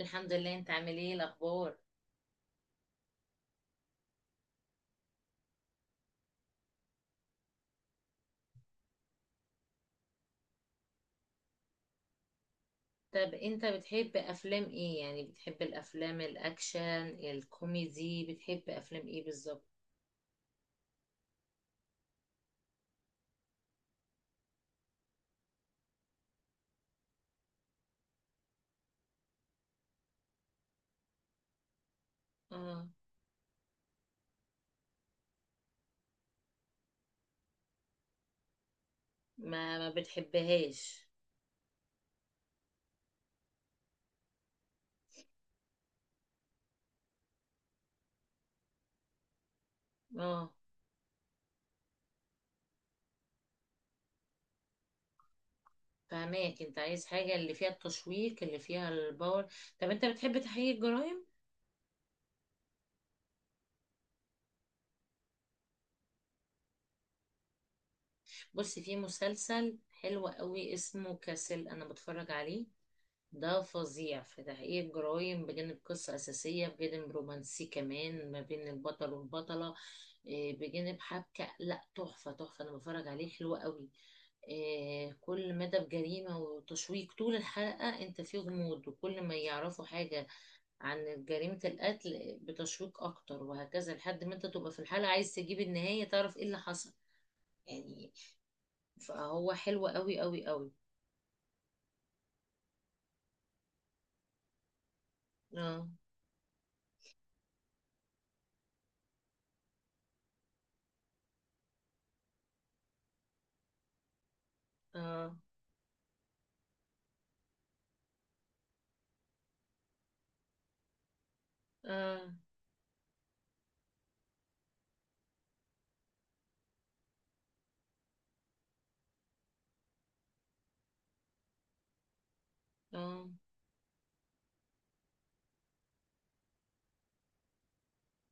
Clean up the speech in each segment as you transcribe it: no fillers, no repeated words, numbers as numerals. الحمد لله. انت عامل ايه الاخبار؟ طب انت بتحب افلام ايه؟ يعني بتحب الافلام الاكشن الكوميدي؟ بتحب افلام ايه بالظبط؟ اه، ما بتحبهاش؟ اه، فهماك، انت عايز حاجة اللي فيها التشويق، اللي فيها الباور. طب انت بتحب تحقيق الجرائم؟ بص، في مسلسل حلو قوي اسمه كاسل، انا بتفرج عليه. ده فظيع في تحقيق الجرايم، بجانب قصة أساسية، بجانب رومانسي كمان ما بين البطل والبطلة. إيه، بجانب حبكة، لا تحفة تحفة، أنا بتفرج عليه حلو قوي. إيه، كل مدى بجريمة وتشويق طول الحلقة، أنت فيه غموض، وكل ما يعرفوا حاجة عن جريمة القتل بتشويق أكتر، وهكذا لحد ما أنت تبقى في الحلقة عايز تجيب النهاية تعرف إيه اللي حصل. يعني، فهو حلو قوي قوي قوي. اه اه. اه اه.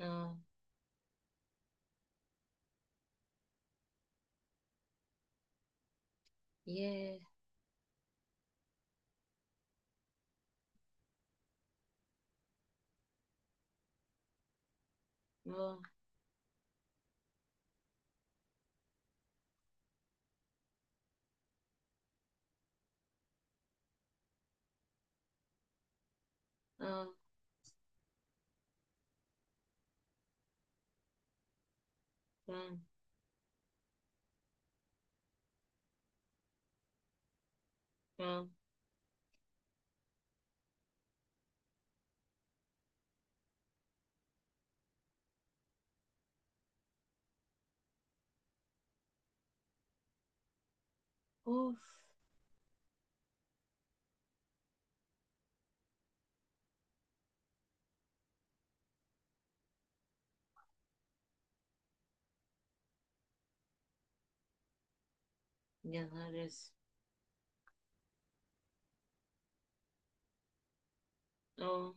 اه. ياه. اه اه. اه اه. اوف. يا نهار اسود. اه،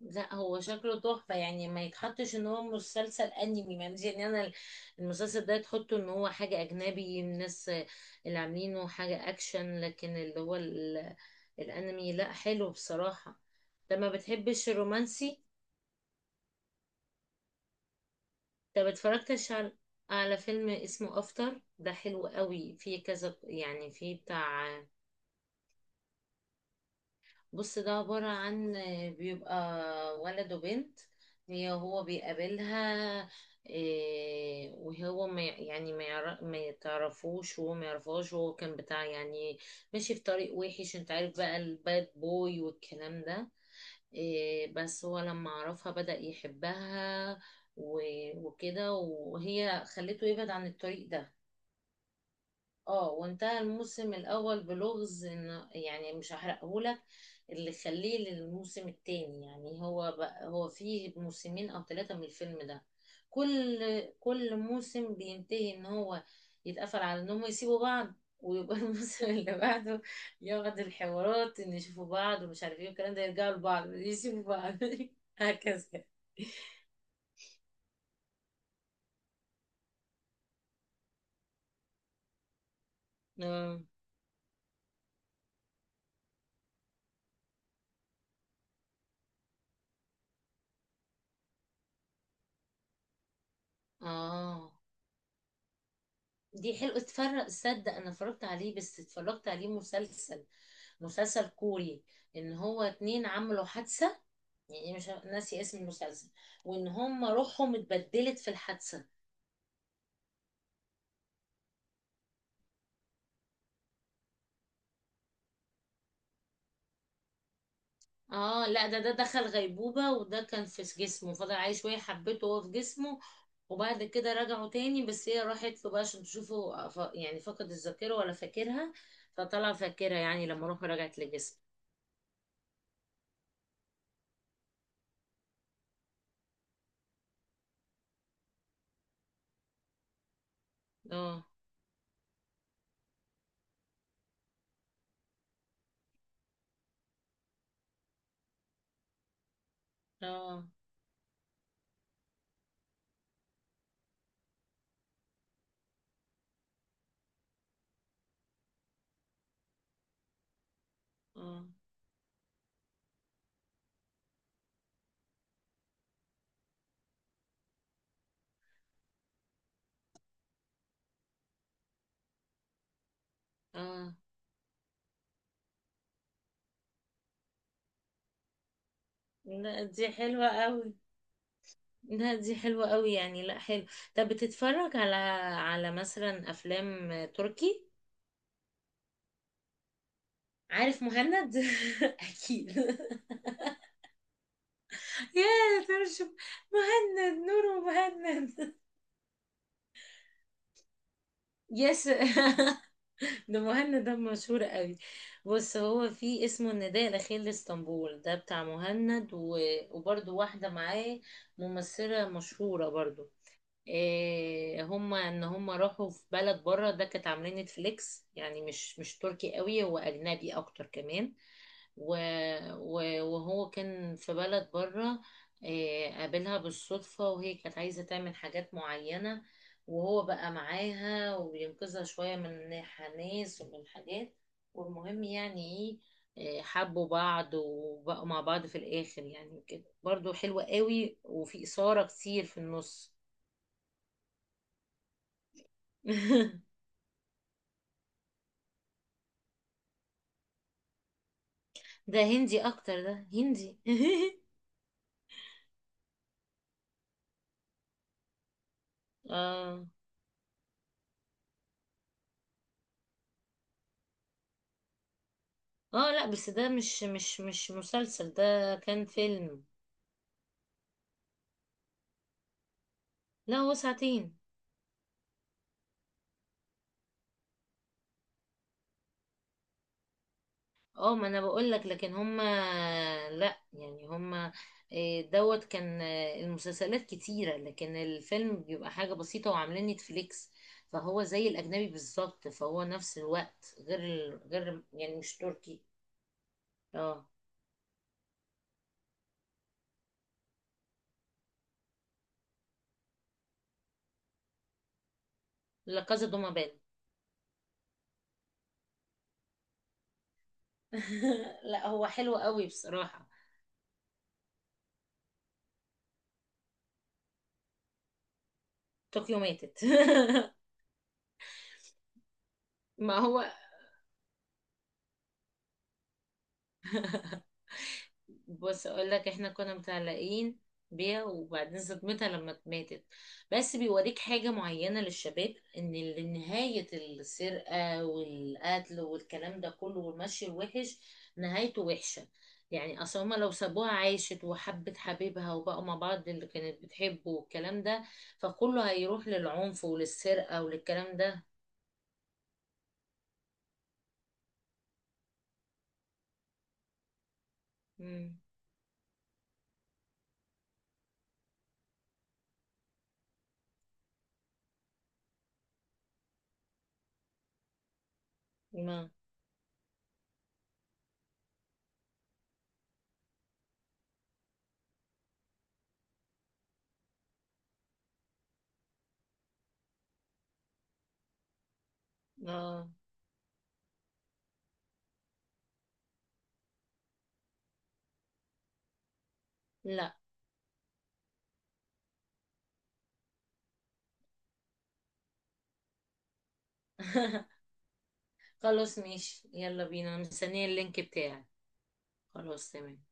لا هو شكله تحفة. يعني ما يتحطش ان هو مسلسل انمي، معلش، يعني انا المسلسل ده تحطه ان هو حاجة اجنبي، الناس اللي عاملينه حاجة اكشن، لكن اللي هو الانمي، لا حلو بصراحة. انت ما بتحبش الرومانسي؟ انت ما اتفرجتش على على فيلم اسمه افتر؟ ده حلو قوي، فيه كذا يعني فيه بتاع. بص، ده عبارة عن بيبقى ولد وبنت، هي هو بيقابلها. إيه، وهو ما يعني ما يعرف ما يتعرفوش، وهو ما يعرفهاش، وهو كان بتاع يعني ماشي في طريق وحش، انت عارف بقى الباد بوي والكلام ده. إيه، بس هو لما عرفها بدأ يحبها، وكده، وهي خلته يبعد عن الطريق ده. اه، وانتهى الموسم الاول بلغز ان، يعني مش هحرقهولك، اللي خليه للموسم التاني. يعني هو بقى هو فيه موسمين او ثلاثة من الفيلم ده. كل كل موسم بينتهي ان هو يتقفل على ان هم يسيبوا بعض، ويبقى الموسم اللي بعده يقعد الحوارات ان يشوفوا بعض ومش عارف ايه والكلام ده، يرجعوا لبعض يسيبوا بعض هكذا. اه. آه. دي حلو، اتفرج صدق. انا اتفرجت عليه، بس اتفرجت عليه مسلسل، مسلسل كوري. ان هو اتنين عملوا حادثة، يعني مش ناسي اسم المسلسل، وان هم روحهم اتبدلت في الحادثة. اه، لا ده دخل غيبوبة، وده كان في جسمه، فضل عايش شوية حبته وهو في جسمه. وبعد كده رجعوا تاني، بس هي راحت له بقى عشان تشوفه، يعني فقد الذاكرة ولا فاكرها، فطلع فاكرها يعني لما روحه رجعت لجسمه. اه. اه. اه اه. لا دي حلوة قوي، لا دي حلوة قوي، يعني لا حلو. طب بتتفرج على على مثلا افلام تركي؟ عارف مهند؟ اكيد يا ترشم، مهند، نور، مهند. يس. ده مهند ده مشهور قوي. بص هو في اسمه النداء الاخير لاسطنبول، ده بتاع مهند، و... وبرده واحدة معاه، ممثلة مشهورة برضو. إيه، هم ان هم راحوا في بلد بره، ده كانت عاملين نتفليكس، يعني مش تركي قوي، هو اجنبي اكتر كمان. و، وهو كان في بلد بره. إيه، قابلها بالصدفة وهي كانت عايزة تعمل حاجات معينة، وهو بقى معاها وبينقذها شوية من ناس ومن حاجات. والمهم يعني ايه، إيه، حبوا بعض وبقوا مع بعض في الآخر يعني كده. برضو حلوة قوي، وفي إثارة كتير في النص. ده هندي اكتر، ده هندي. اه اه، لا بس ده مش مسلسل، ده كان فيلم. لا هو ساعتين. اه، ما انا بقول لك، لكن هما، لا يعني هما إيه، دوت كان آه، المسلسلات كتيرة، لكن الفيلم بيبقى حاجة بسيطة وعاملين نتفليكس، فهو زي الأجنبي بالظبط، فهو نفس الوقت غير غير، يعني مش تركي. اه، لا كازا دوما بان. لا هو حلو قوي بصراحة. طوكيو ماتت. ما هو، بص اقول لك، احنا كنا متعلقين بيها وبعدين صدمتها لما ماتت. بس بيوريك حاجة معينة للشباب ان نهاية السرقة والقتل والكلام ده كله والمشي الوحش نهايته وحشة. يعني اصل هما لو سابوها عايشت وحبت حبيبها وبقوا مع بعض اللي كانت بتحبه والكلام ده، فكله هيروح للعنف وللسرقة وللكلام ده. مم. ما اه. لا. خلاص ماشي، يلا بينا، انا مستنية اللينك بتاعك. خلاص تمام.